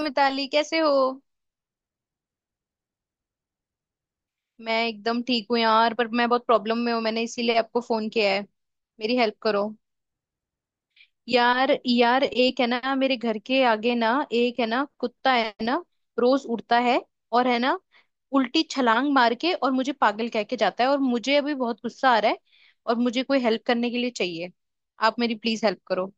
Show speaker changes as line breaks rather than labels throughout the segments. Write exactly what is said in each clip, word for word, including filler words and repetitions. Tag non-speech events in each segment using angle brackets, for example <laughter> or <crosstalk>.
मिताली, कैसे हो। मैं एकदम ठीक हूँ यार, पर मैं बहुत प्रॉब्लम में हूँ। मैंने इसीलिए आपको फोन किया है। मेरी हेल्प करो। यार यार एक है ना, मेरे घर के आगे ना एक है ना, कुत्ता है ना, रोज उड़ता है। और है ना, उल्टी छलांग मार के और मुझे पागल कह के जाता है। और मुझे अभी बहुत गुस्सा आ रहा है। और मुझे कोई हेल्प करने के लिए चाहिए। आप मेरी प्लीज हेल्प करो।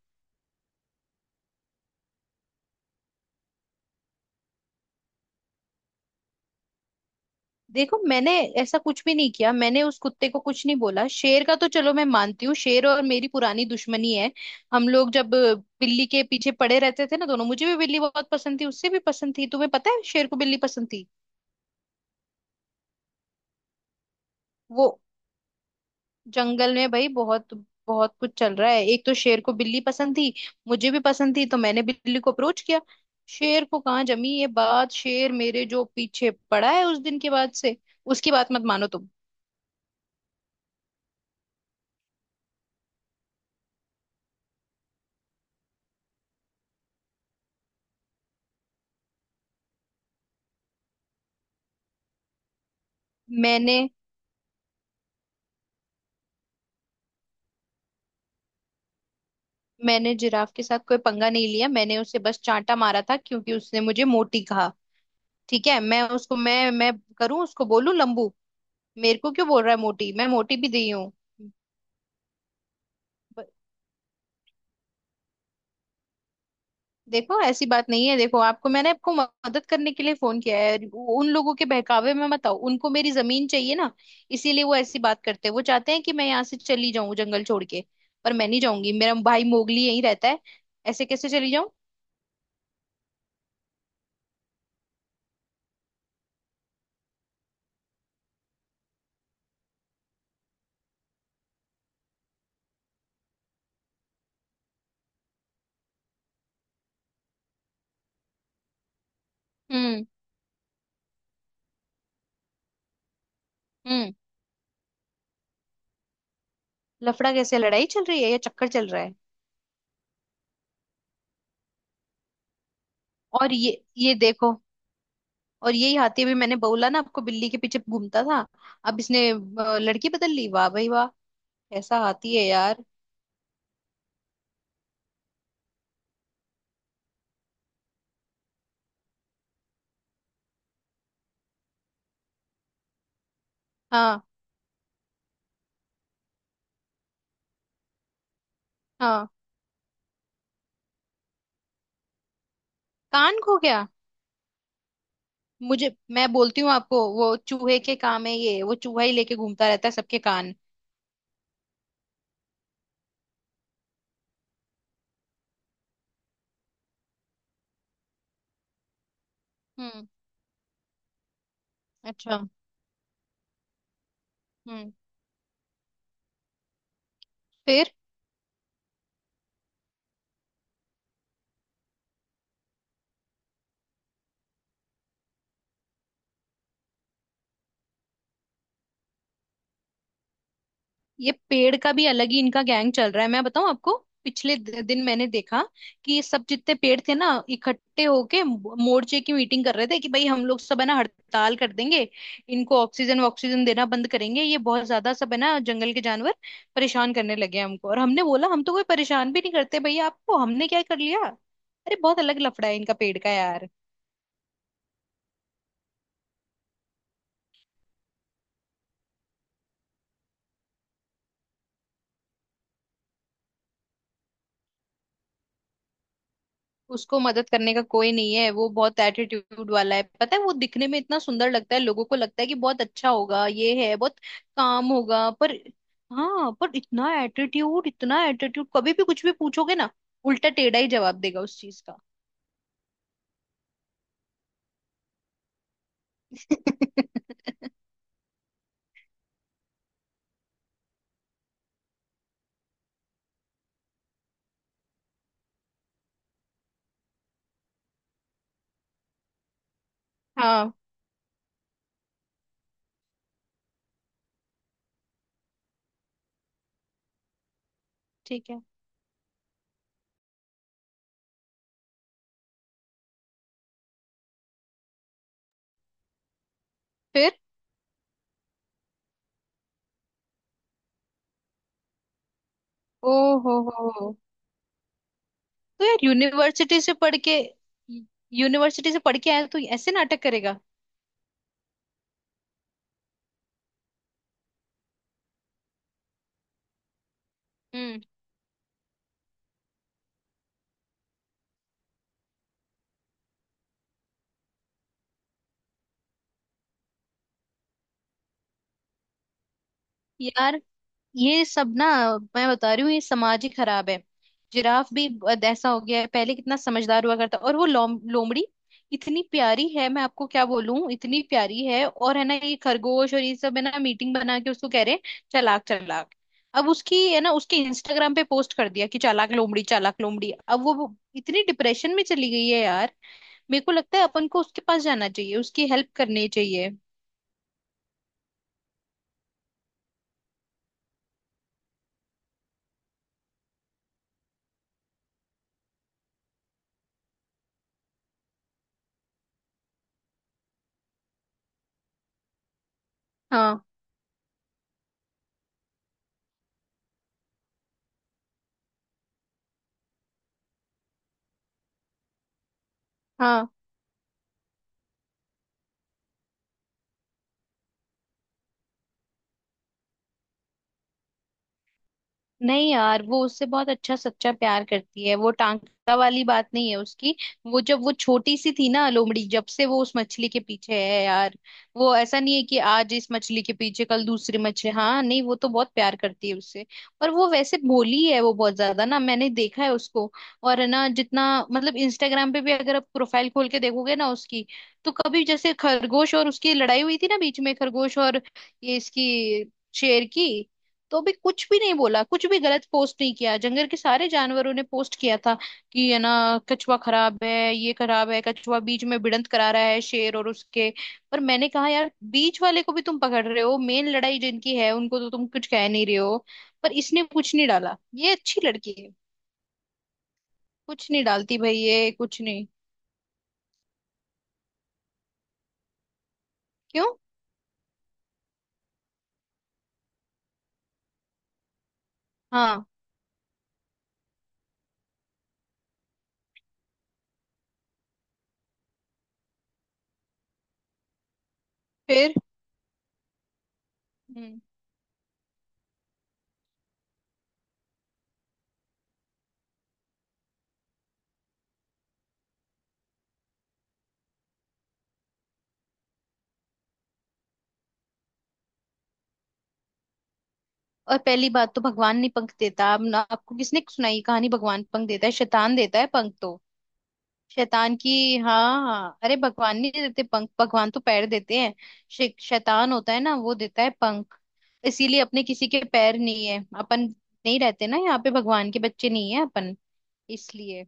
देखो, मैंने ऐसा कुछ भी नहीं किया। मैंने उस कुत्ते को कुछ नहीं बोला। शेर का तो चलो मैं मानती हूँ, शेर और मेरी पुरानी दुश्मनी है। हम लोग जब बिल्ली के पीछे पड़े रहते थे ना दोनों, मुझे भी बिल्ली बहुत पसंद थी, उससे भी पसंद थी। तुम्हें पता है शेर को बिल्ली पसंद थी। वो जंगल में भाई बहुत बहुत कुछ चल रहा है। एक तो शेर को बिल्ली पसंद थी, मुझे भी पसंद थी, तो मैंने बिल्ली को अप्रोच किया। शेर को कहाँ जमी ये बात, शेर मेरे जो पीछे पड़ा है उस दिन के बाद से। उसकी बात मत मानो तुम। मैंने मैंने जिराफ के साथ कोई पंगा नहीं लिया। मैंने उसे बस चांटा मारा था क्योंकि उसने मुझे मोटी कहा। ठीक है, मैं उसको मैं मैं करूं, उसको बोलूं लंबू। मेरे को क्यों बोल रहा है मोटी। मैं मोटी भी दी हूँ। ब- देखो ऐसी बात नहीं है। देखो, आपको मैंने आपको मदद करने के लिए फोन किया है। उन लोगों के बहकावे में मत आओ। उनको मेरी जमीन चाहिए ना, इसीलिए वो ऐसी बात करते हैं। वो चाहते हैं कि मैं यहाँ से चली जाऊं, जंगल छोड़ के। पर मैं नहीं जाऊंगी, मेरा भाई मोगली यहीं रहता है। ऐसे कैसे चली जाऊं। हम्म। हम्म। लफड़ा कैसे, लड़ाई चल रही है या चक्कर चल रहा है। और ये ये देखो। और यही हाथी, अभी मैंने बोला ना आपको, बिल्ली के पीछे घूमता था। अब इसने अ, लड़की बदल ली। वाह भाई वाह। कैसा हाथी है यार। हाँ। हाँ। कान खो गया। मुझे, मैं बोलती हूँ आपको, वो चूहे के काम है, ये वो चूहा ही लेके घूमता रहता है सबके कान। हम्म। अच्छा। हम्म। फिर। ये पेड़ का भी अलग ही इनका गैंग चल रहा है, मैं बताऊं आपको। पिछले दि- दिन मैंने देखा कि ये सब जितने पेड़ थे ना, इकट्ठे होके मो- मोर्चे की मीटिंग कर रहे थे कि भाई हम लोग सब है ना, हड़ताल कर देंगे। इनको ऑक्सीजन ऑक्सीजन देना बंद करेंगे। ये बहुत ज्यादा सब है ना जंगल के जानवर परेशान करने लगे हैं हमको। और हमने बोला हम तो कोई परेशान भी नहीं करते भैया आपको, हमने क्या कर लिया। अरे बहुत अलग लफड़ा है इनका पेड़ का यार। उसको मदद करने का कोई नहीं है, वो बहुत एटीट्यूड वाला है। पता है, वो दिखने में इतना सुंदर लगता है, लोगों को लगता है कि बहुत अच्छा होगा, ये है बहुत काम होगा पर। हाँ, पर इतना एटीट्यूड, इतना एटीट्यूड, कभी भी कुछ भी पूछोगे ना, उल्टा टेढ़ा ही जवाब देगा उस चीज का। <laughs> हाँ। ठीक है। फिर। ओ। हो हो हो। तो यार यूनिवर्सिटी से पढ़ के, यूनिवर्सिटी से पढ़ के आया तो ऐसे नाटक करेगा। हम्म। यार ये सब ना, मैं बता रही हूँ, ये समाज ही खराब है। जिराफ भी अब ऐसा हो गया है, पहले कितना समझदार हुआ करता। और वो लोम, लोमड़ी इतनी प्यारी है, मैं आपको क्या बोलूं, इतनी प्यारी है। और है ना ये खरगोश और ये सब है ना मीटिंग बना के उसको कह रहे हैं चालाक, चालाक। अब उसकी है ना, उसके इंस्टाग्राम पे पोस्ट कर दिया कि चालाक लोमड़ी, चालाक लोमड़ी। अब वो वो इतनी डिप्रेशन में चली गई है यार। मेरे को लगता है अपन को उसके पास जाना चाहिए, उसकी हेल्प करनी चाहिए। हाँ। हाँ। नहीं यार, वो उससे बहुत अच्छा सच्चा प्यार करती है। वो टांका वाली बात नहीं है उसकी। वो जब वो छोटी सी थी ना लोमड़ी, जब से वो उस मछली के पीछे है यार। वो ऐसा नहीं है कि आज इस मछली के पीछे कल दूसरी मछली, हाँ नहीं, वो तो बहुत प्यार करती है उससे। और वो वैसे भोली है, वो बहुत ज्यादा ना, मैंने देखा है उसको। और है ना जितना, मतलब इंस्टाग्राम पे भी अगर आप प्रोफाइल खोल के देखोगे ना उसकी, तो कभी जैसे खरगोश और उसकी लड़ाई हुई थी ना बीच में, खरगोश और ये इसकी शेर की, तो भी कुछ भी नहीं बोला, कुछ भी गलत पोस्ट नहीं किया। जंगल के सारे जानवरों ने पोस्ट किया था कि है ना कछुआ खराब है, ये खराब है, कछुआ बीच में भिड़ंत करा रहा है शेर और उसके। पर मैंने कहा यार, बीच वाले को भी तुम पकड़ रहे हो, मेन लड़ाई जिनकी है उनको तो तुम कुछ कह नहीं रहे हो। पर इसने कुछ नहीं डाला, ये अच्छी लड़की है। कुछ नहीं डालती भाई, ये कुछ नहीं। क्यों। हाँ। फिर। हम्म। और पहली बात तो भगवान नहीं पंख देता। अब ना, आपको किसने सुनाई कहानी भगवान पंख देता है। शैतान देता है पंख तो, शैतान की। हाँ। हाँ। अरे भगवान नहीं देते पंख, भगवान तो पैर देते हैं। शे- शैतान होता है ना, वो देता है पंख। इसीलिए अपने किसी के पैर नहीं है, अपन नहीं रहते ना यहाँ पे, भगवान के बच्चे नहीं है अपन। इसलिए,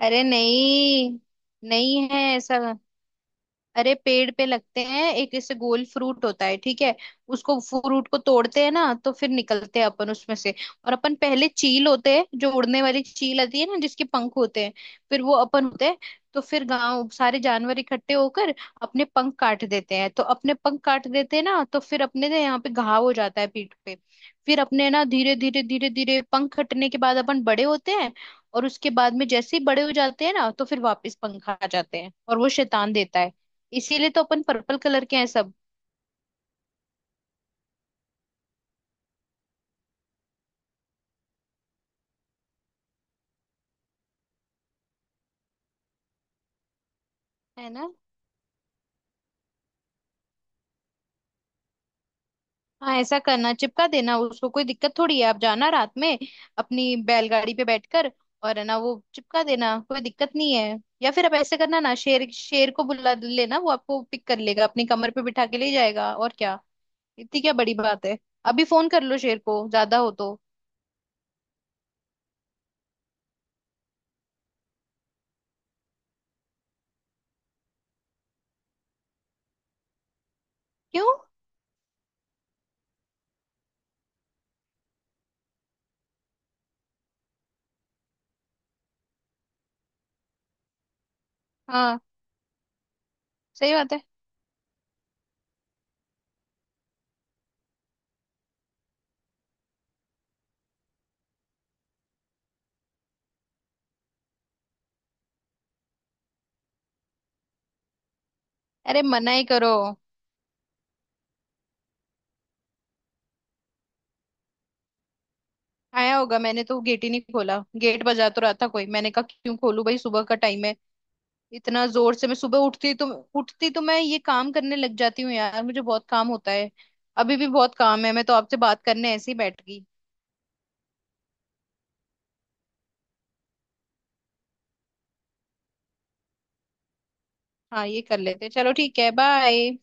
अरे नहीं, नहीं है ऐसा। अरे पेड़ पे लगते हैं, एक इससे गोल फ्रूट होता है, ठीक है। उसको फ्रूट को तोड़ते हैं ना, तो फिर निकलते हैं अपन उसमें से। और अपन पहले चील होते हैं, जो उड़ने वाली चील आती है ना जिसके पंख होते हैं, फिर वो अपन होते हैं। तो फिर गांव सारे जानवर इकट्ठे होकर अपने पंख काट देते हैं। तो अपने पंख काट देते हैं ना, तो फिर अपने ना यहाँ पे घाव हो जाता है पीठ पे। फिर अपने ना, धीरे धीरे धीरे धीरे पंख कटने के बाद अपन बड़े होते हैं। और उसके बाद में जैसे ही बड़े हो जाते हैं ना, तो फिर वापस पंख आ जाते हैं, और वो शैतान देता है। इसीलिए तो अपन पर्पल कलर के हैं सब। है ना। हाँ, ऐसा करना, चिपका देना उसको, कोई दिक्कत थोड़ी है। आप जाना रात में अपनी बैलगाड़ी पे बैठकर, और है ना, वो चिपका देना, कोई दिक्कत नहीं है। या फिर आप ऐसे करना ना, शेर शेर को बुला लेना, वो आपको पिक कर लेगा, अपनी कमर पे बिठा के ले जाएगा, और क्या। इतनी क्या बड़ी बात है। अभी फोन कर लो शेर को, ज्यादा हो तो। क्यों। हाँ। सही बात है। अरे मना ही करो। आया होगा, मैंने तो गेट ही नहीं खोला। गेट बजा तो रहा था कोई, मैंने कहा क्यों खोलूं भाई, सुबह का टाइम है। इतना जोर से मैं सुबह उठती तो, उठती तो मैं ये काम करने लग जाती हूँ यार, मुझे बहुत काम होता है। अभी भी बहुत काम है, मैं तो आपसे बात करने ऐसे ही बैठ गई। हाँ, ये कर लेते, चलो ठीक है, बाय।